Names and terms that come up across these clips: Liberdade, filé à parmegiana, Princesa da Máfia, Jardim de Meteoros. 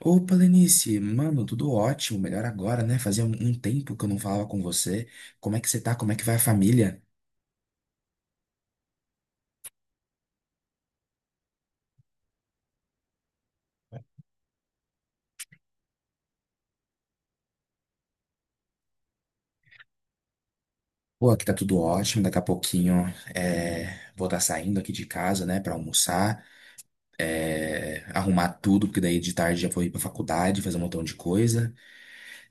Opa, Lenice, mano, tudo ótimo, melhor agora, né? Fazia um tempo que eu não falava com você. Como é que você tá? Como é que vai a família? Pô, aqui tá tudo ótimo. Daqui a pouquinho vou estar saindo aqui de casa, né, pra almoçar, arrumar tudo, porque daí de tarde já vou ir pra faculdade, fazer um montão de coisa.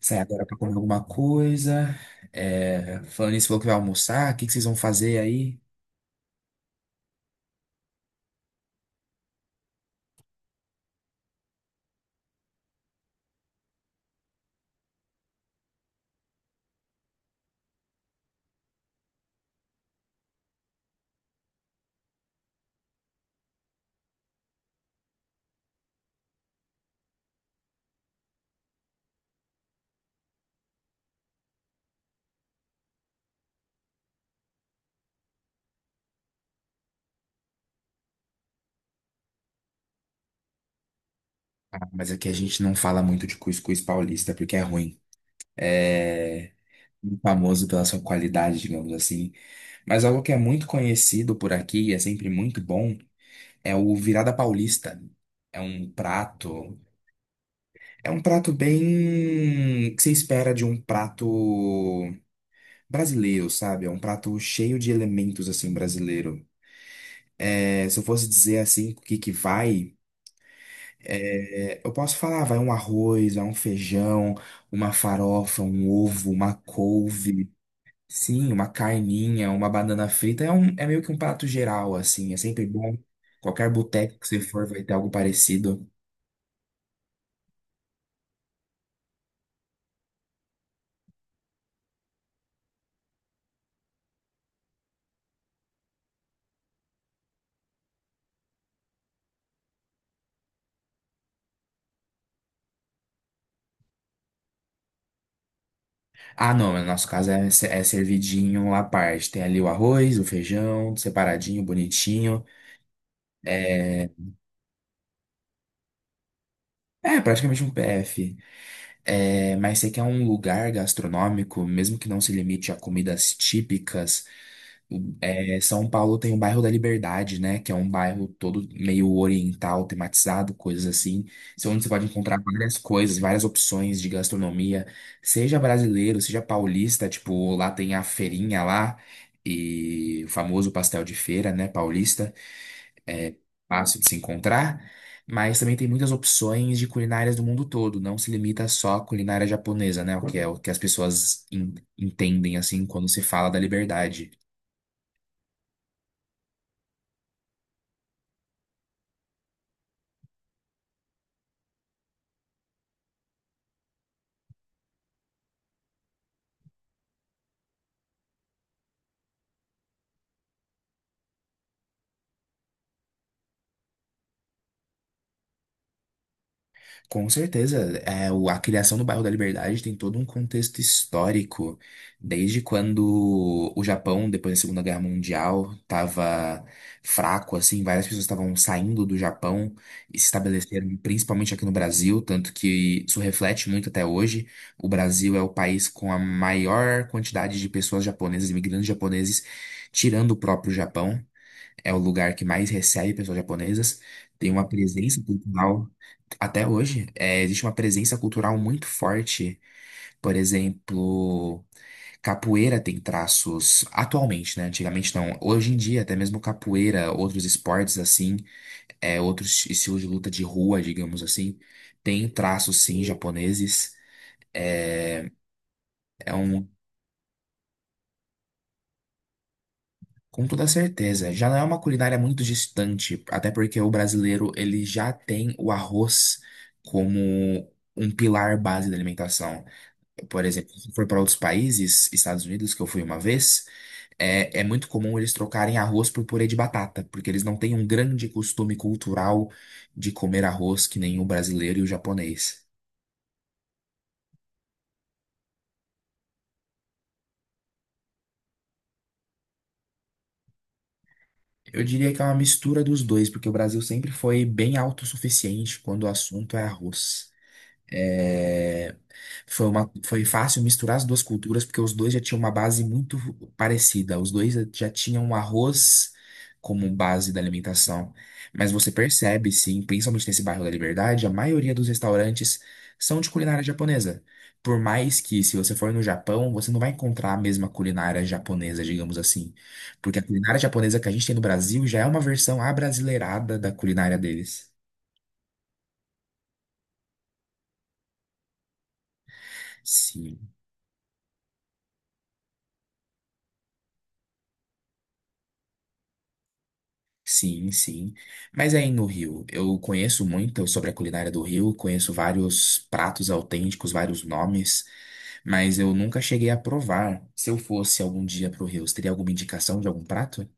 Sair agora pra comer alguma coisa. É, falando nisso, falou que vai almoçar, o que que vocês vão fazer aí? Ah, mas aqui a gente não fala muito de cuscuz paulista, porque é ruim. É, famoso pela sua qualidade, digamos assim. Mas algo que é muito conhecido por aqui e é sempre muito bom é o virada paulista. É um prato, é um prato bem que se espera de um prato brasileiro, sabe? É um prato cheio de elementos assim brasileiro. É, se eu fosse dizer assim o que que vai, eu posso falar, vai um arroz, vai um feijão, uma farofa, um ovo, uma couve. Sim, uma carninha, uma banana frita é meio que um prato geral, assim. É sempre bom. Qualquer boteco que você for vai ter algo parecido. Ah, não, no nosso caso é, é servidinho à parte. Tem ali o arroz, o feijão, separadinho, bonitinho. É, é praticamente um PF. É, mas você quer um lugar gastronômico, mesmo que não se limite a comidas típicas. É, São Paulo tem o bairro da Liberdade, né? Que é um bairro todo meio oriental, tematizado, coisas assim. Isso é onde você pode encontrar várias coisas, várias opções de gastronomia, seja brasileiro, seja paulista. Tipo, lá tem a feirinha lá e o famoso pastel de feira, né? Paulista, fácil de se encontrar. Mas também tem muitas opções de culinárias do mundo todo. Não se limita só à culinária japonesa, né? O que é o que as pessoas entendem assim quando se fala da Liberdade. Com certeza, é, a criação do bairro da Liberdade tem todo um contexto histórico, desde quando o Japão, depois da Segunda Guerra Mundial, estava fraco, assim, várias pessoas estavam saindo do Japão e se estabeleceram principalmente aqui no Brasil, tanto que isso reflete muito até hoje. O Brasil é o país com a maior quantidade de pessoas japonesas, imigrantes japoneses, tirando o próprio Japão. É o lugar que mais recebe pessoas japonesas, tem uma presença cultural até hoje, existe uma presença cultural muito forte. Por exemplo, capoeira tem traços atualmente, né? Antigamente não. Hoje em dia, até mesmo capoeira, outros esportes assim, outros estilos de luta de rua, digamos assim, tem traços sim japoneses. É, é um, com toda certeza. Já não é uma culinária muito distante, até porque o brasileiro ele já tem o arroz como um pilar base da alimentação. Por exemplo, se for para outros países, Estados Unidos, que eu fui uma vez, é muito comum eles trocarem arroz por purê de batata, porque eles não têm um grande costume cultural de comer arroz que nem o brasileiro e o japonês. Eu diria que é uma mistura dos dois, porque o Brasil sempre foi bem autossuficiente quando o assunto é arroz. É, foi fácil misturar as duas culturas, porque os dois já tinham uma base muito parecida. Os dois já tinham o arroz como base da alimentação. Mas você percebe, sim, principalmente nesse bairro da Liberdade, a maioria dos restaurantes são de culinária japonesa. Por mais que, se você for no Japão, você não vai encontrar a mesma culinária japonesa, digamos assim. Porque a culinária japonesa que a gente tem no Brasil já é uma versão abrasileirada da culinária deles. Sim. Sim, sim. Mas aí no Rio, eu conheço muito sobre a culinária do Rio, conheço vários pratos autênticos, vários nomes, mas eu nunca cheguei a provar. Se eu fosse algum dia pro Rio, você teria alguma indicação de algum prato?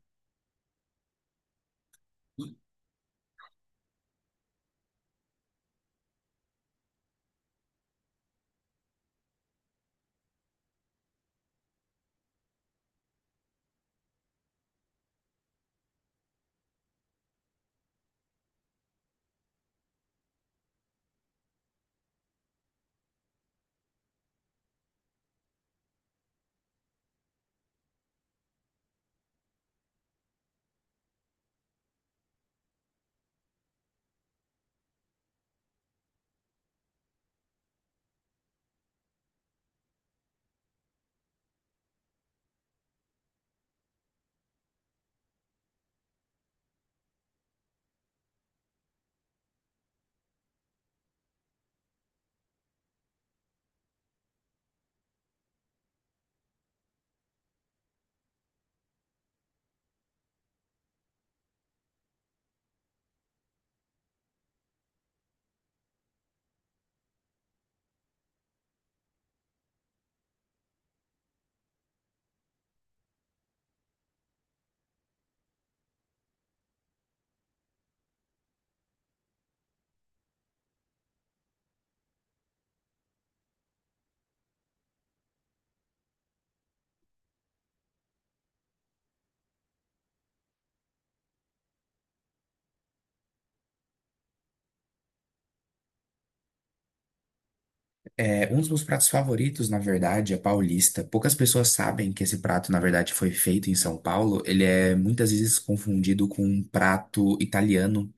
É, um dos meus pratos favoritos, na verdade, é paulista. Poucas pessoas sabem que esse prato, na verdade, foi feito em São Paulo. Ele é muitas vezes confundido com um prato italiano,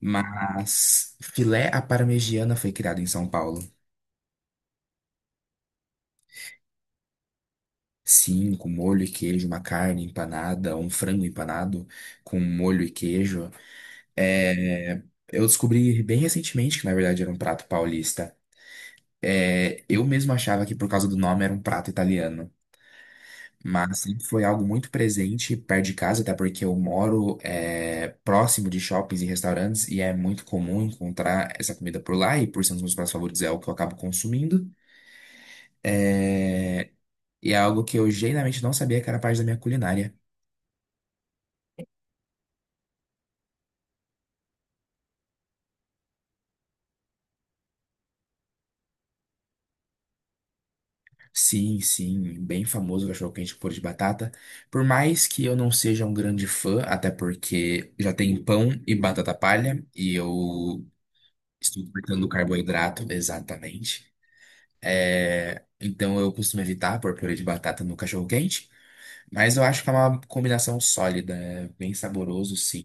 mas filé à parmegiana foi criado em São Paulo. Sim, com molho e queijo, uma carne empanada, um frango empanado com molho e queijo. É, eu descobri bem recentemente que, na verdade, era um prato paulista. É, eu mesmo achava que, por causa do nome, era um prato italiano. Mas sempre foi algo muito presente perto de casa, até porque eu moro próximo de shoppings e restaurantes e é muito comum encontrar essa comida por lá. E por ser um dos meus pratos favoritos, é o que eu acabo consumindo. É, E é algo que eu genuinamente não sabia que era parte da minha culinária. Sim, sim, bem famoso o cachorro-quente com purê de batata. Por mais que eu não seja um grande fã, até porque já tem pão e batata palha, e eu estou cortando carboidrato, exatamente. É, então eu costumo evitar pôr purê de batata no cachorro-quente, mas eu acho que é uma combinação sólida, é bem saboroso, sim.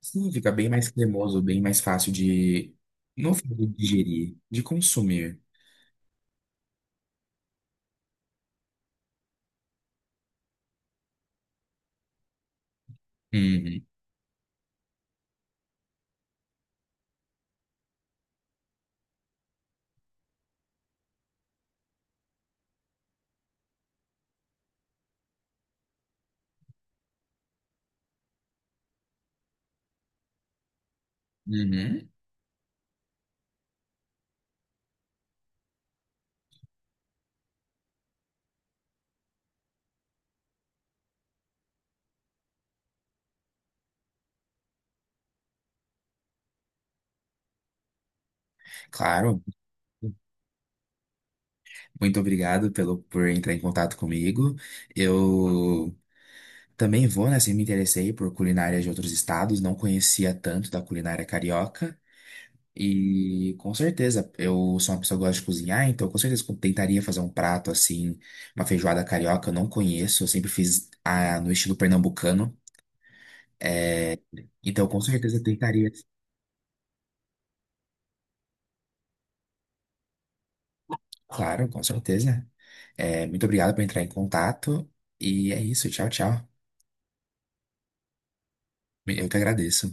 Sim, fica bem mais cremoso, bem mais fácil de, não falo de digerir, de consumir. Uhum. Uhum. Claro. Muito obrigado por entrar em contato comigo. Eu também vou, né? Assim, me interessei por culinária de outros estados, não conhecia tanto da culinária carioca. E com certeza, eu sou uma pessoa que gosta de cozinhar, então com certeza eu tentaria fazer um prato assim, uma feijoada carioca, eu não conheço, eu sempre fiz a, no estilo pernambucano. Então com certeza eu tentaria. Claro, com certeza. É, muito obrigado por entrar em contato. E é isso, tchau, tchau. Eu que agradeço.